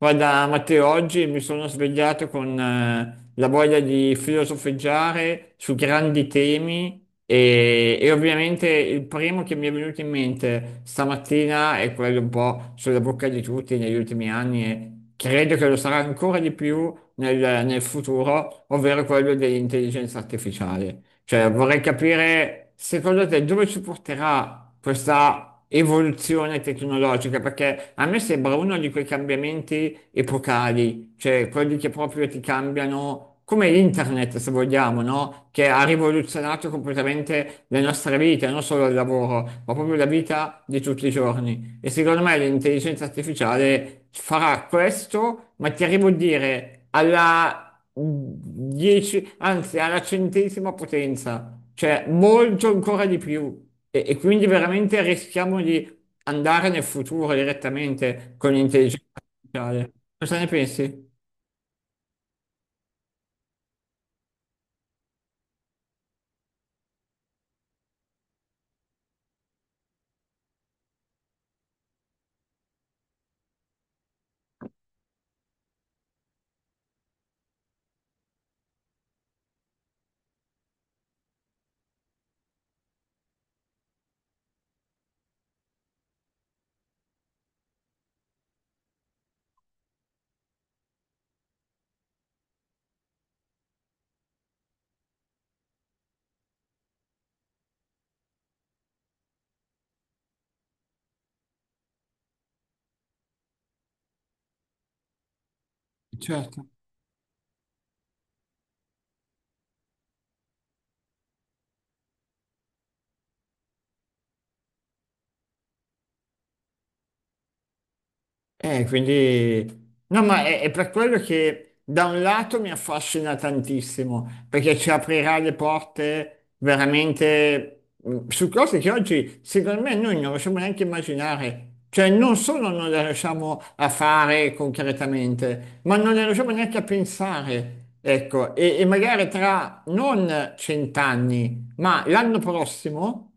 Guarda, Matteo, oggi mi sono svegliato con la voglia di filosofeggiare su grandi temi e ovviamente il primo che mi è venuto in mente stamattina è quello un po' sulla bocca di tutti negli ultimi anni e credo che lo sarà ancora di più nel futuro, ovvero quello dell'intelligenza artificiale. Cioè, vorrei capire, secondo te, dove ci porterà questa evoluzione tecnologica? Perché a me sembra uno di quei cambiamenti epocali, cioè quelli che proprio ti cambiano, come internet, se vogliamo, no? Che ha rivoluzionato completamente le nostre vite, non solo il lavoro, ma proprio la vita di tutti i giorni. E secondo me l'intelligenza artificiale farà questo, ma ti arrivo a dire alla 10, anzi alla 100ª potenza, cioè molto ancora di più. E quindi veramente rischiamo di andare nel futuro direttamente con l'intelligenza artificiale. Cosa ne pensi? Certo. No, ma è per quello che da un lato mi affascina tantissimo, perché ci aprirà le porte veramente su cose che oggi, secondo me, noi non riusciamo neanche a immaginare. Cioè, non solo non le riusciamo a fare concretamente, ma non le riusciamo neanche a pensare. Ecco, e magari tra non cent'anni, ma l'anno prossimo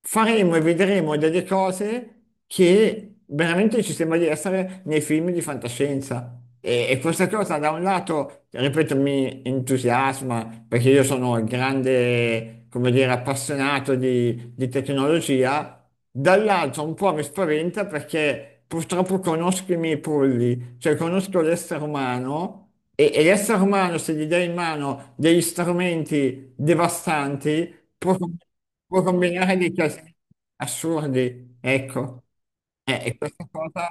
faremo e vedremo delle cose che veramente ci sembra di essere nei film di fantascienza. E questa cosa da un lato, ripeto, mi entusiasma perché io sono un grande, come dire, appassionato di tecnologia, dall'altro un po' mi spaventa perché purtroppo conosco i miei polli, cioè conosco l'essere umano. E l'essere umano, se gli dai in mano degli strumenti devastanti, può combinare dei casini assurdi, ecco. Eh, e questa cosa...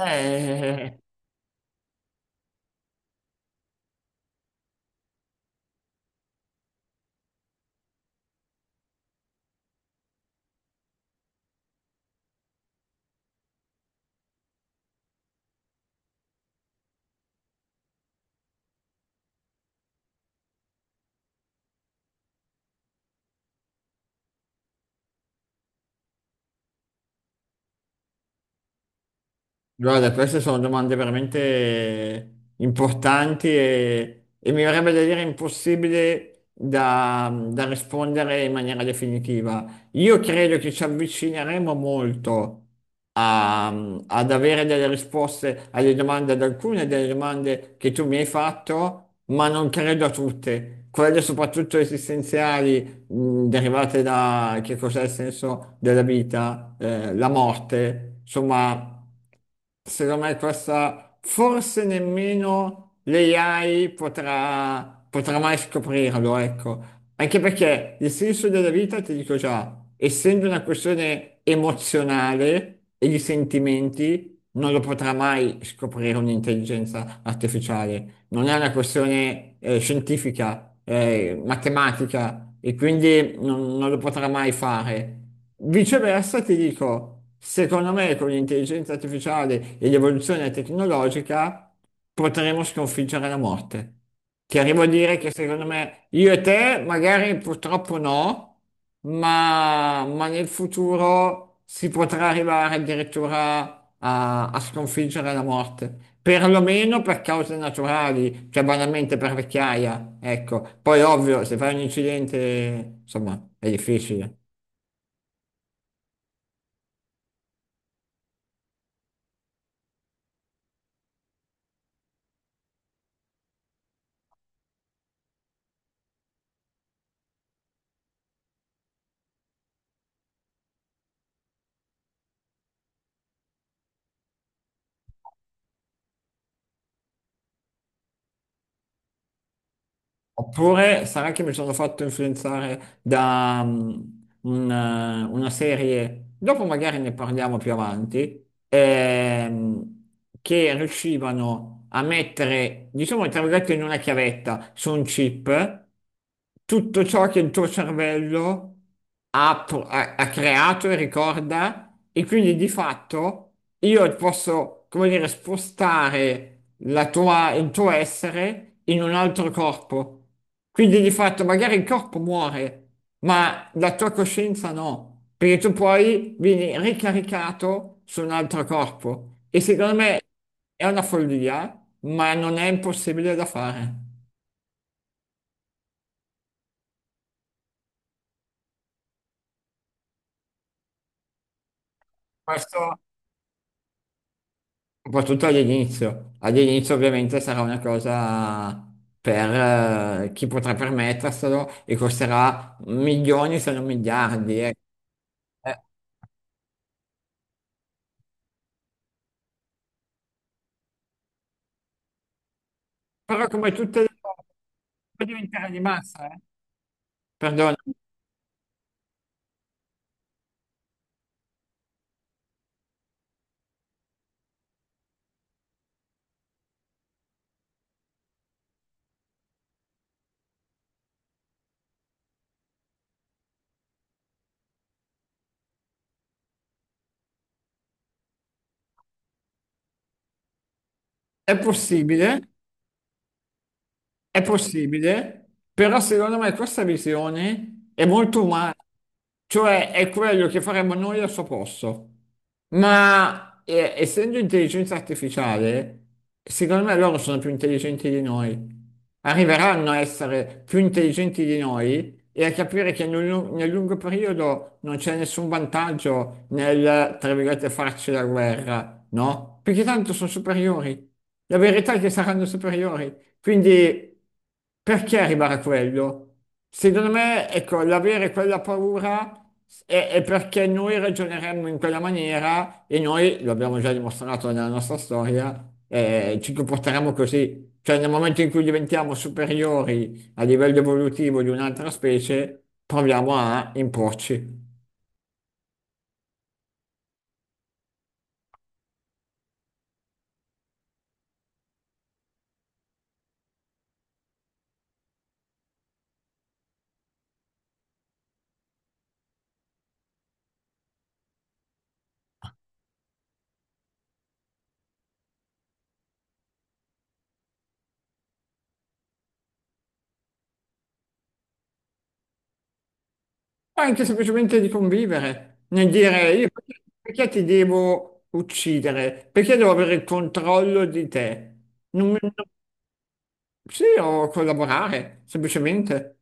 eh, Guarda, queste sono domande veramente importanti e mi verrebbe da dire impossibile da rispondere in maniera definitiva. Io credo che ci avvicineremo molto a- ad avere delle risposte alle domande, ad alcune delle domande che tu mi hai fatto, ma non credo a tutte. Quelle soprattutto esistenziali, derivate da che cos'è il senso della vita, la morte, insomma. Secondo me questa forse nemmeno l'AI potrà mai scoprirlo, ecco. Anche perché il senso della vita, ti dico già, essendo una questione emozionale e di sentimenti, non lo potrà mai scoprire un'intelligenza artificiale non è una questione scientifica, matematica, e quindi non lo potrà mai fare. Viceversa, ti dico, secondo me con l'intelligenza artificiale e l'evoluzione tecnologica potremo sconfiggere la morte. Ti arrivo a dire che secondo me io e te magari purtroppo no, ma nel futuro si potrà arrivare addirittura a sconfiggere la morte. Perlomeno per cause naturali, cioè banalmente per vecchiaia, ecco. Poi ovvio, se fai un incidente, insomma, è difficile. Oppure sarà che mi sono fatto influenzare da una serie, dopo magari ne parliamo più avanti, che riuscivano a mettere, diciamo, tra virgolette, in una chiavetta su un chip tutto ciò che il tuo cervello ha creato e ricorda, e quindi di fatto io posso, come dire, spostare il tuo essere in un altro corpo. Quindi di fatto magari il corpo muore, ma la tua coscienza no, perché tu poi vieni ricaricato su un altro corpo e secondo me è una follia, ma non è impossibile da fare. Questo soprattutto all'inizio. All'inizio ovviamente sarà una cosa per chi potrà permetterselo e costerà milioni se non miliardi. Eh, Però come tutte le cose può diventare di massa, eh. Perdona, è possibile, è possibile, però secondo me questa visione è molto umana, cioè è quello che faremmo noi al suo posto. Ma essendo intelligenza artificiale, secondo me loro sono più intelligenti di noi. Arriveranno a essere più intelligenti di noi e a capire che nel lungo periodo non c'è nessun vantaggio nel, tra virgolette, farci la guerra, no? Perché tanto sono superiori. La verità è che saranno superiori. Quindi perché arrivare a quello? Secondo me, ecco, l'avere quella paura è perché noi ragioneremmo in quella maniera e noi, lo abbiamo già dimostrato nella nostra storia, ci comporteremo così. Cioè, nel momento in cui diventiamo superiori a livello evolutivo di un'altra specie, proviamo a imporci. O anche semplicemente di convivere, nel dire io perché ti devo uccidere? Perché devo avere il controllo di te? Non mi- non- Sì, o collaborare, semplicemente.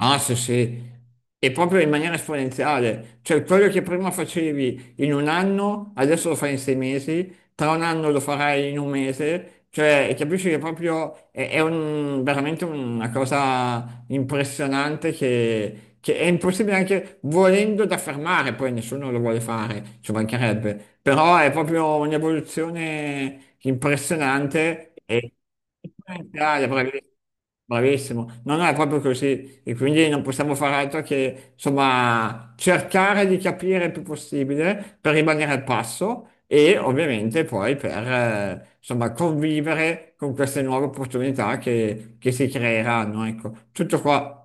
Ah, sì, sì, e proprio in maniera esponenziale, cioè quello che prima facevi in un anno, adesso lo fai in 6 mesi, tra un anno lo farai in un mese, cioè capisci che proprio è veramente una cosa impressionante che è impossibile anche volendo da fermare, poi nessuno lo vuole fare, ci mancherebbe, però è proprio un'evoluzione impressionante e esponenziale, bravissimo. Bravissimo, non è proprio così e quindi non possiamo fare altro che insomma cercare di capire il più possibile per rimanere al passo e ovviamente poi per insomma convivere con queste nuove opportunità che si creeranno, ecco, tutto qua.